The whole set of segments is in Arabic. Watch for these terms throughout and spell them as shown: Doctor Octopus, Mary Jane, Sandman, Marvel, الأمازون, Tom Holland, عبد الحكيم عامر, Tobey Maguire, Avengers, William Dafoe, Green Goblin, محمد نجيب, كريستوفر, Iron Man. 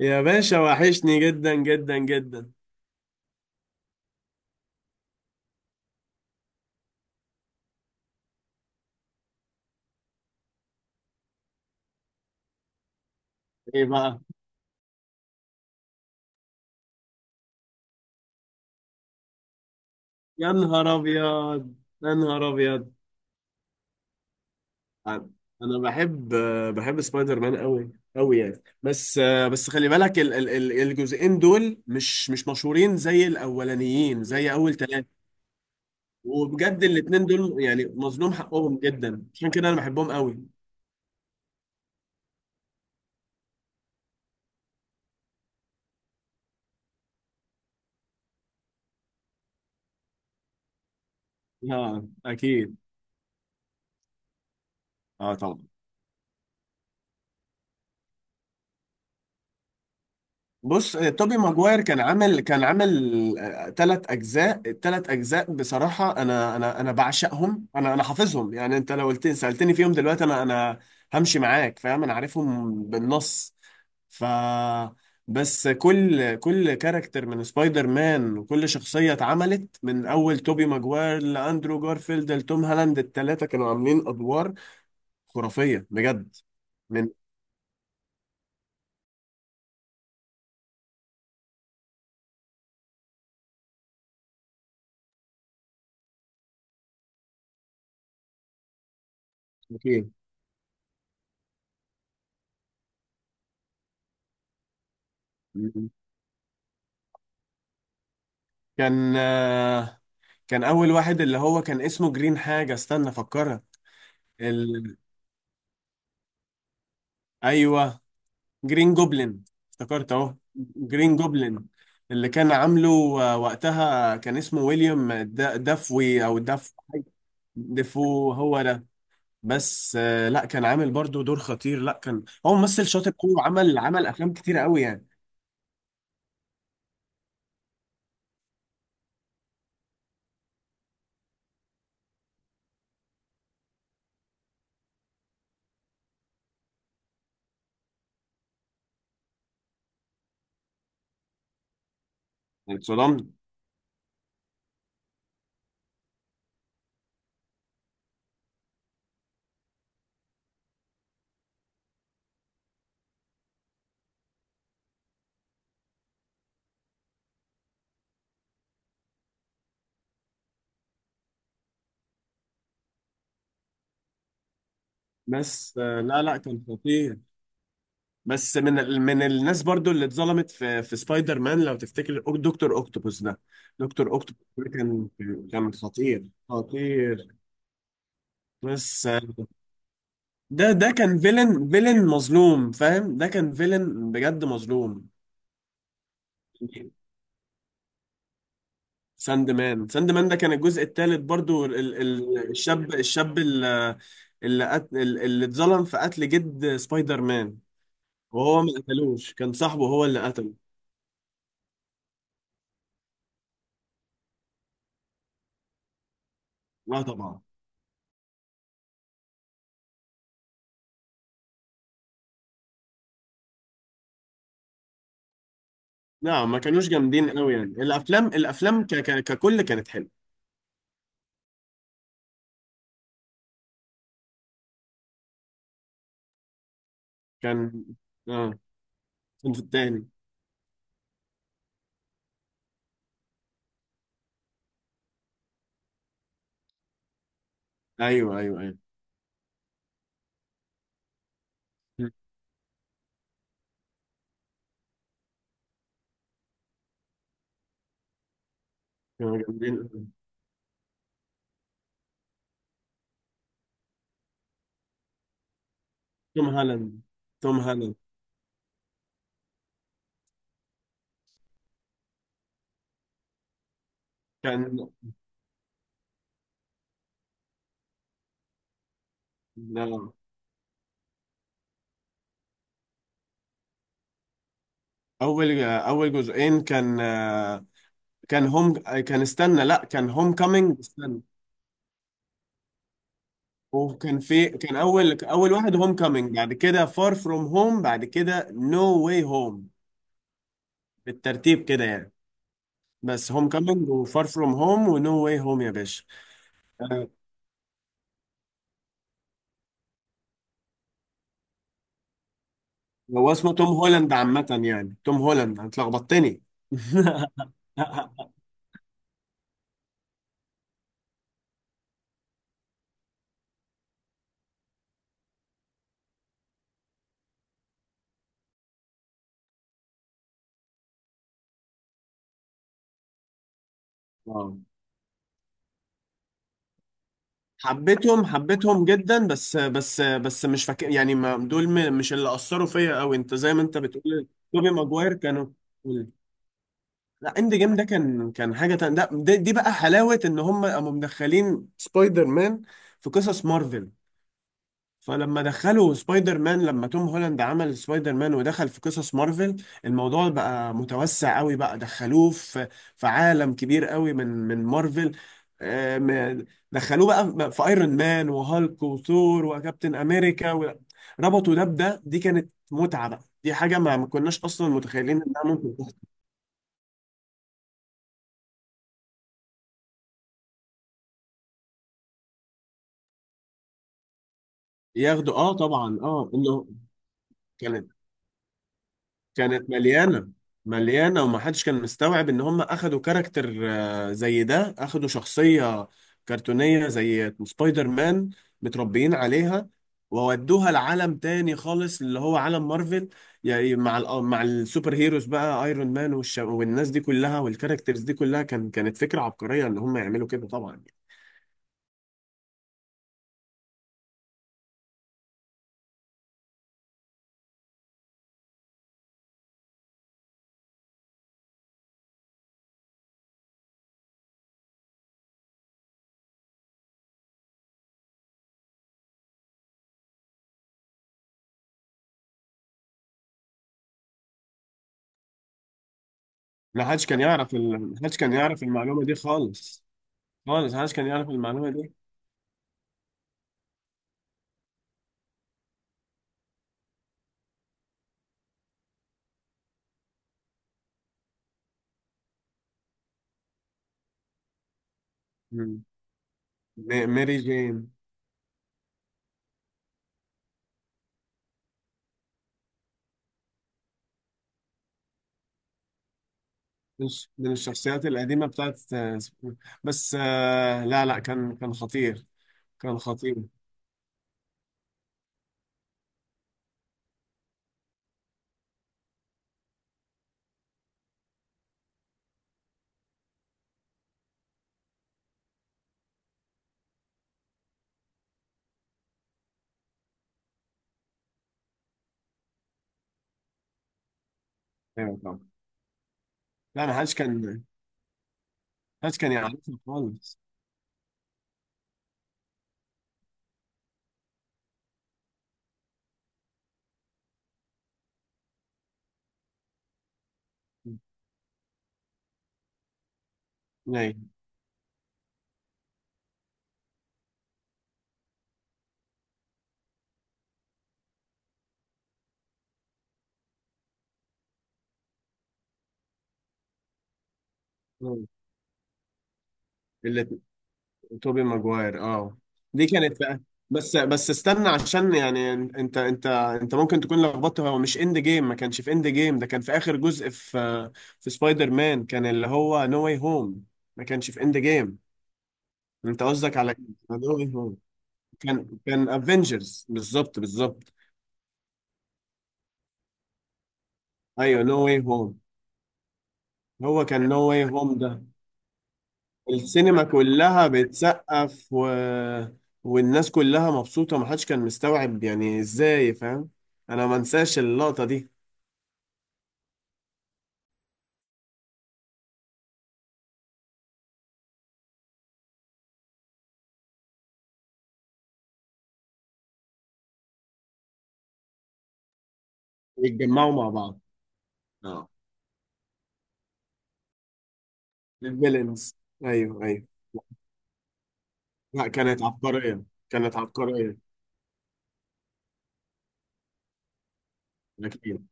يا باشا، وحشني جدا جدا جدا. ايه بقى؟ يا نهار ابيض! يا نهار ابيض! انا أنا بحب سبايدر مان قوي قوي يعني، بس. بس خلي بالك الجزئين دول مش مشهورين زي الاولانيين، زي اول ثلاثة. وبجد الاتنين دول يعني مظلوم حقهم جدا، عشان كده انا بحبهم قوي. اه، اكيد. اه، طبعا. بص، توبي ماجواير كان عامل ثلاث اجزاء. الثلاث اجزاء بصراحه انا بعشقهم، انا حافظهم يعني. انت لو قلت سالتني فيهم دلوقتي، انا همشي معاك، فاهم؟ انا عارفهم بالنص. ف بس كل كاركتر من سبايدر مان وكل شخصيه اتعملت من اول توبي ماجواير لاندرو جارفيلد لتوم هالاند، الثلاثه كانوا عاملين ادوار خرافيه بجد. من أوكي. كان آه، كان اول واحد اللي هو كان اسمه جرين حاجة، استنى افكرها. ال... ايوه، جرين جوبلin. افتكرت اهو. جرين جوبلin اللي كان عامله. وقتها كان اسمه ويليام دافوي او داف، ديفو هو ده. بس لا، كان عامل برضو دور خطير. لا، كان هو ممثل شاطر قوي وعمل افلام كتير قوي يعني. اتصدمت. بس لا لا، كان خطير. بس من من الناس برضو اللي اتظلمت في سبايدر مان، لو تفتكر، دكتور اوكتوبوس ده. دكتور اوكتوبوس ده كان خطير خطير. بس آه، ده ده كان فيلن فيلن مظلوم، فاهم؟ ده كان فيلن بجد مظلوم. ساند مان، ساند مان ده كان الجزء الثالث برضو، الشاب، الشاب اللي، اللي اتظلم في قتل جد سبايدر مان، وهو ما قتلوش. كان صاحبه هو اللي قتله. لا طبعا. لا، ما كانوش جامدين قوي يعني. الافلام، ككل كانت حلوه. كان اه كان في التاني. ايوه، ايوه، ايوه. م. كانوا جامدين قوي. توم هالاند، توم هالاند كان. لا. اول جزئين كان، كان هوم، كان، استنى، لا، كان هوم كامينج، استنى. وكان في كان اول واحد هوم كامينج، بعد كده فار فروم هوم، بعد كده نو واي هوم. بالترتيب كده يعني. بس هوم كامينج وفار فروم هوم ونو واي هوم يا باشا. آه، هو اسمه توم هولاند عامة يعني. توم هولاند، انت لخبطتني. آه. حبيتهم، حبيتهم جدا، بس مش فاكر يعني. ما دول مش اللي أثروا فيا قوي، انت زي ما انت بتقول. توبي ماجواير كانوا. لا، اند جيم ده كان حاجة تانية. دي بقى حلاوة ان هم قاموا مدخلين سبايدر مان في قصص مارفل. فلما دخلوا سبايدر مان، لما توم هولاند عمل سبايدر مان ودخل في قصص مارفل، الموضوع بقى متوسع قوي، بقى دخلوه في عالم كبير قوي من مارفل. آه، م- دخلوه بقى في ايرون مان وهالك وثور وكابتن امريكا، ربطوا ده بده. دي كانت متعة بقى، دي حاجة ما كناش اصلا متخيلين انها ممكن تحصل. ياخدوا، اه طبعا، انه كانت كانت مليانة. مليانة، ومحدش كان مستوعب ان هم اخدوا كاركتر زي ده، اخدوا شخصية كرتونية زي سبايدر مان، متربيين عليها، وودوها لعالم تاني خالص اللي هو عالم مارفل. يعني مع مع السوبر هيروز بقى، ايرون مان والناس دي كلها والكاركترز دي كلها، كانت فكرة عبقرية ان هم يعملوا كده طبعا. محدش كان يعرف المعلومة دي خالص. خالص محدش كان يعرف المعلومة دي. مم. ميري جين. من الشخصيات القديمة بتاعت، بس لا لا، كان خطير. كان خطير. ايوه طبعا. لا، انا حاج كان يعرفني خالص. ايوه، اللي توبي ماجواير، دي كانت بقى. بس استنى عشان يعني انت ممكن تكون لخبطت. هو مش اند جيم، ما كانش في اند جيم ده. كان في اخر جزء في سبايدر مان، كان اللي هو نو واي هوم. ما كانش في اند جيم. انت قصدك على نو واي هوم. كان افنجرز، بالظبط بالظبط. ايوه، نو واي هوم. هو كان نو واي هوم ده. السينما كلها بتسقف، والناس كلها مبسوطه، محدش كان مستوعب يعني ازاي، فاهم؟ انا ما انساش اللقطه دي. يتجمعوا مع بعض. اه. الفيلنز. ايوه، ايوه. لا، كانت عبقريه. كانت عبقريه. اكيد.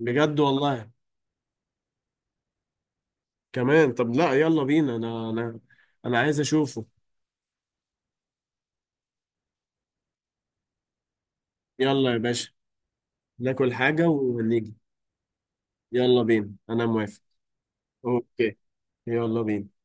بجد والله. كمان، طب لا، يلا بينا، انا، انا عايز اشوفه. يلا يا باشا. ناكل حاجه ونيجي. يلا بينا، انا موافق. اوكي. يلا بينا.